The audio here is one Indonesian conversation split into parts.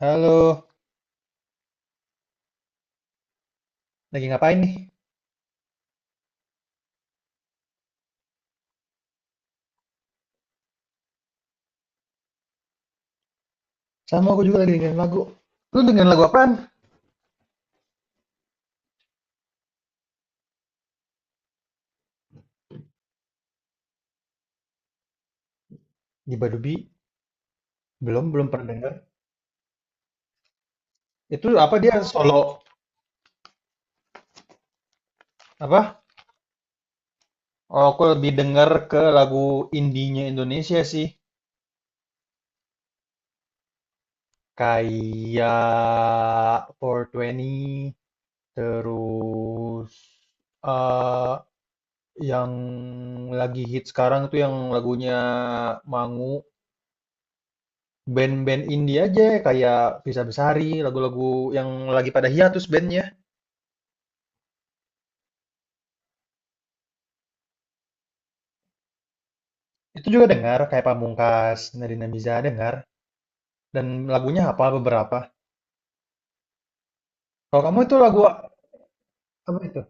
Halo, lagi ngapain nih? Sama aku juga lagi dengerin lagu. Lu dengerin lagu apaan? Giba Dubi? Belum, belum pernah denger. Itu apa dia solo? Apa? Oh, aku lebih denger ke lagu indinya Indonesia sih. Kayak four Twenty, terus eh yang lagi hit sekarang tuh yang lagunya Mangu. Band-band indie aja kayak Bisa Besari, lagu-lagu yang lagi pada hiatus bandnya. Itu juga dengar, kayak Pamungkas, Nadine Amizah dengar, dan lagunya apa beberapa. Kalau kamu itu lagu apa itu?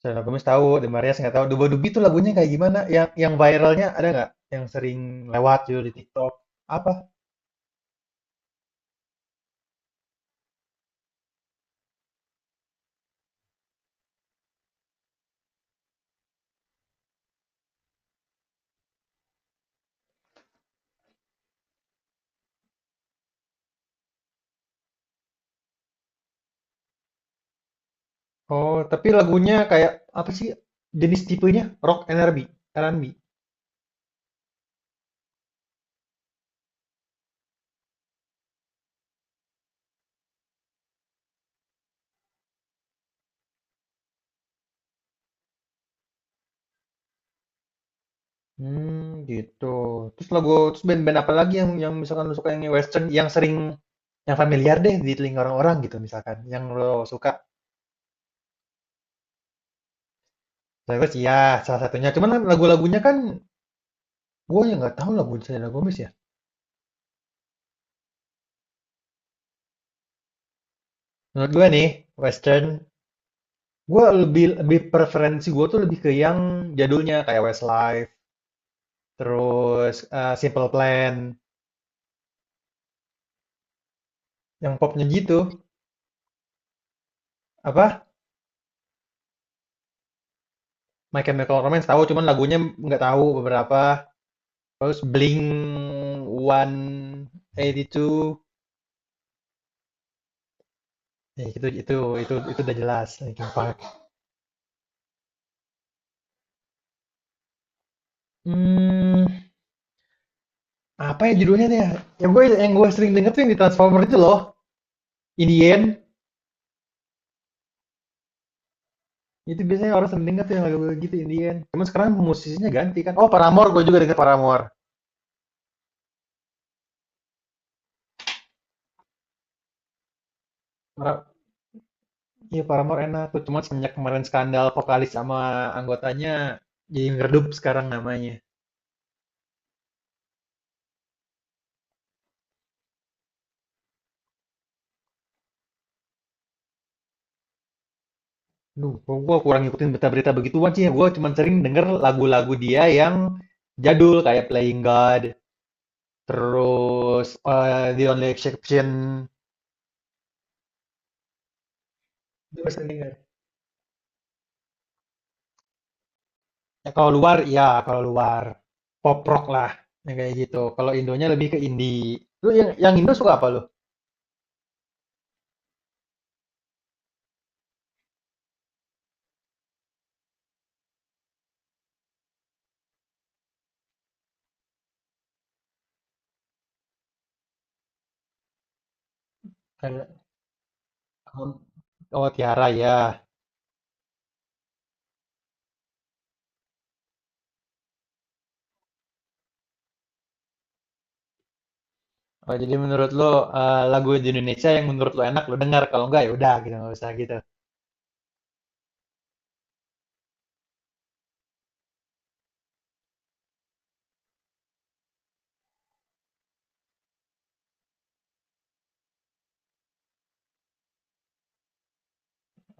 Selena Gomez tahu, The Marías nggak tahu. Duba Dubi itu lagunya kayak gimana? Yang viralnya ada nggak? Yang sering lewat gitu di TikTok? Apa? Oh, tapi lagunya kayak apa sih? Jenis tipenya rock and R&B, R&B. Hmm, gitu. Terus band-band apa lagi yang misalkan lo suka yang western, yang sering yang familiar deh di telinga orang-orang gitu misalkan, yang lo suka. Terus ya salah satunya. Cuman kan lagu-lagunya kan gue yang nggak tahu lagu Selena Gomez ya. Menurut gue nih Western, gue lebih lebih preferensi gue tuh lebih ke yang jadulnya kayak Westlife, terus Simple Plan, yang popnya gitu. Apa? My Chemical Romance tahu, cuman lagunya nggak tahu beberapa. Terus Blink 182. Ya, itu udah jelas Linkin Park. Hmm, apa ya judulnya tuh ya? Yang gue sering denger tuh yang di Transformer itu loh. Indien. Itu biasanya orang sering denger tuh, yang lagu gitu Indien. Cuman sekarang musisinya ganti kan. Oh, Paramore, gue juga denger Paramore. Iya, Paramore enak tuh. Cuman semenjak kemarin skandal vokalis sama anggotanya, jadi ngeredup sekarang namanya. Duh, gue kurang ngikutin berita-berita begituan sih. Gue cuman sering denger lagu-lagu dia yang jadul kayak Playing God, terus The Only Exception. Gua sering. Ya kalau luar, ya kalau luar. Pop rock lah, yang kayak gitu. Kalau Indonya lebih ke indie. Lu yang Indo suka apa lu? Kayak- Oh, Tiara ya. Oh, jadi menurut lu lagu di Indonesia yang menurut lu enak lu dengar, kalau enggak ya udah gitu, nggak usah gitu.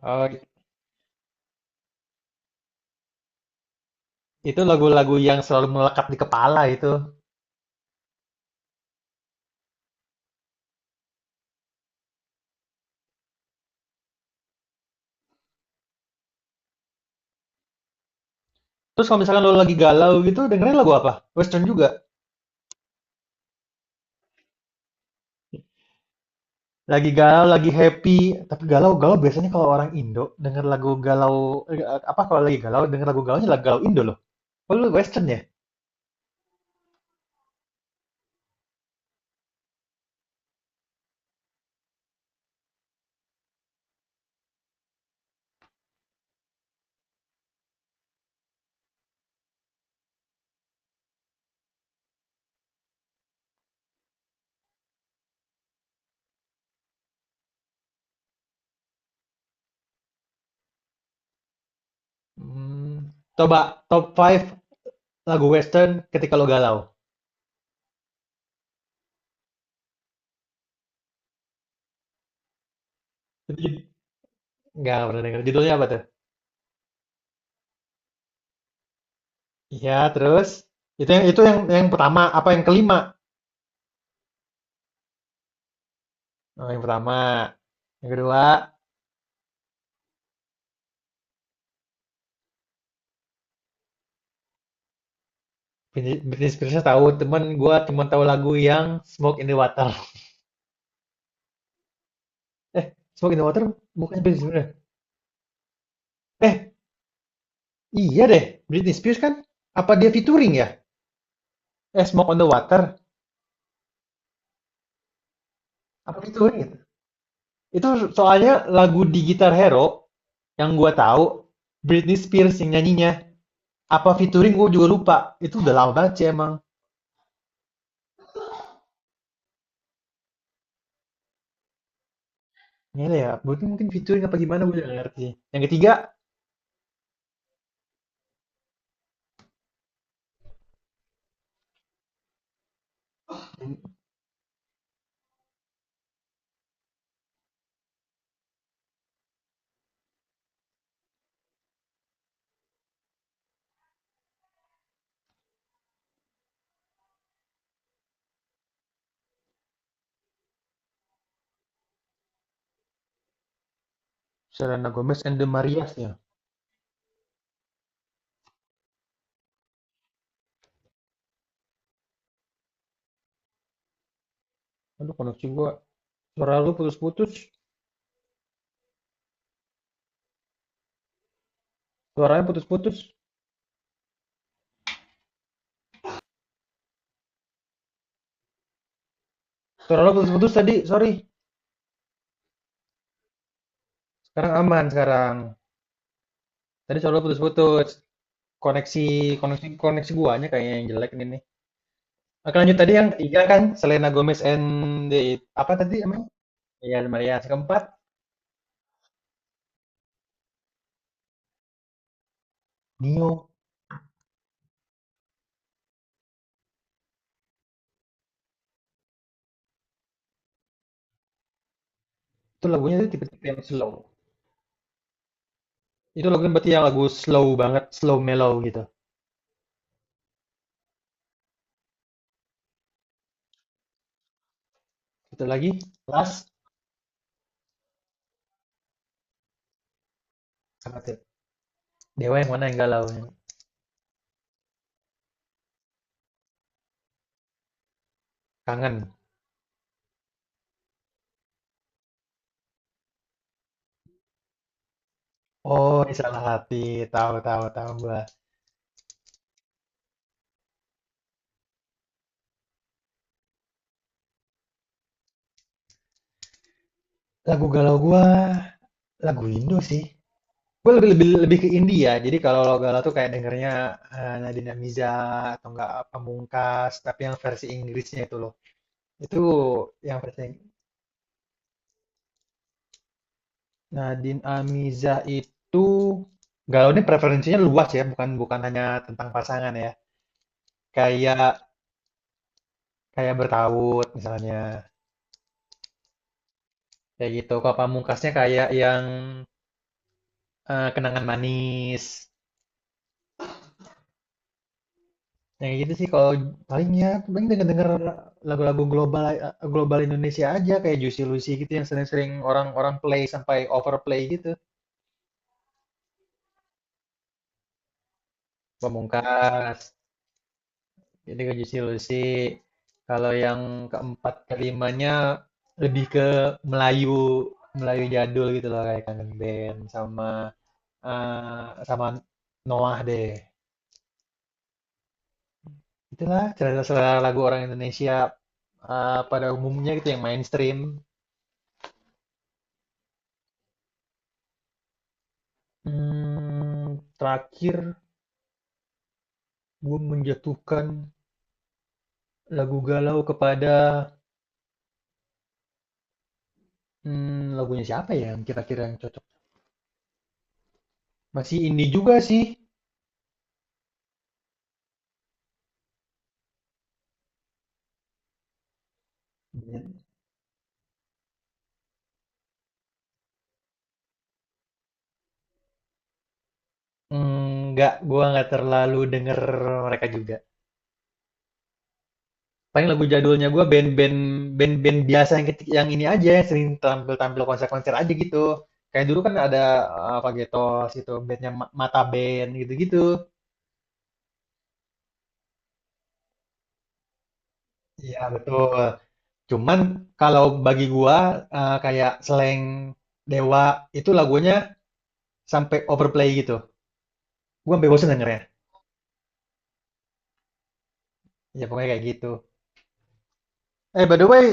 Oh, itu lagu-lagu yang selalu melekat di kepala itu. Terus kalau misalkan lu lagi galau gitu, dengerin lagu apa? Western juga. Lagi galau, lagi happy, tapi galau-galau biasanya kalau orang Indo denger lagu galau eh, apa kalau lagi galau denger lagu galaunya lagu galau Indo loh. Oh, lu Western ya? Mmm, Coba top five lagu western ketika lo galau. Nggak pernah denger, judulnya apa tuh? Iya, terus? Itu yang itu yang pertama, apa yang kelima? Oh, yang pertama. Yang kedua. Britney Britney Spears tahu, cuman gua cuman tahu lagu yang Smoke in the Water. Eh, Smoke in the Water bukan Britney Spears ya? Eh, iya deh, Britney Spears kan? Apa dia featuring ya? Eh, Smoke on the Water, apa featuring gitu? Itu soalnya lagu di Guitar Hero yang gua tahu Britney Spears yang nyanyinya. Apa featuring gue juga lupa, itu udah lama banget sih emang. Gimana ya, mungkin mungkin featuring apa gimana gue juga nggak ngerti. Yang ketiga, Selena Gomez and the Marias ya. Aduh, koneksi gue. Suara lu putus-putus, suaranya putus-putus. Suara lu putus-putus tadi, sorry. Sekarang aman sekarang. Tadi suara lu putus-putus. Koneksi koneksi koneksi guanya kayaknya yang jelek ini nih. Oke lanjut, tadi yang ketiga kan Selena Gomez and the apa tadi emang? Ya, Marias. Keempat, Nio. Itu lagunya tuh tipe-tipe yang slow. Itu lagunya berarti yang lagu slow banget, slow mellow gitu. Satu lagi, Last sama tuh. Dewa yang mana yang galau? Yang kangen. Oh, ini salah hati. Tahu tahu tahu gua. Lagu galau gua lagu Indo sih. Gua lebih lebih lebih ke India ya. Jadi kalau lagu galau tuh kayak dengernya Nadine Amiza atau enggak Pamungkas, tapi yang versi Inggrisnya itu loh. Itu yang versi Nadine Amiza itu galau, ini preferensinya luas ya, bukan bukan hanya tentang pasangan ya. Kayak Kayak Bertaut misalnya, kayak gitu. Kalau Pamungkasnya kayak yang Kenangan Manis. Yang kayak gitu sih kalau palingnya, paling denger-denger lagu-lagu global Indonesia aja kayak Juicy Lucy gitu yang sering-sering orang-orang play sampai overplay gitu. Pamungkas, jadi ke Juicy Lucy. Kalau yang keempat kelimanya lebih ke Melayu Melayu jadul gitu loh kayak Kangen Band sama sama Noah deh. Itulah selera-selera lagu orang Indonesia pada umumnya gitu yang mainstream. Hmm, Terakhir gue menjatuhkan lagu galau kepada lagunya siapa ya yang kira-kira yang cocok? Masih indie juga sih. Hmm, nggak, gue nggak terlalu denger mereka juga. Paling lagu jadulnya gue band-band biasa yang ini aja yang sering tampil-tampil konser-konser aja gitu. Kayak dulu kan ada apa gitu, itu bandnya Mata Band gitu-gitu. Iya betul. Cuman kalau bagi gua kayak slang Dewa itu lagunya sampai overplay gitu. Gua sampai bosen dengernya. Ya ya, pokoknya kayak gitu. Eh, by the way,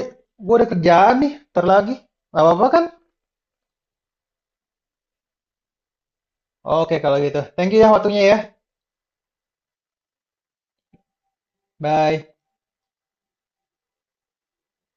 gua ada kerjaan nih, ntar lagi. Gak apa-apa kan? Oke kalau gitu. Thank you ya, waktunya ya. Bye.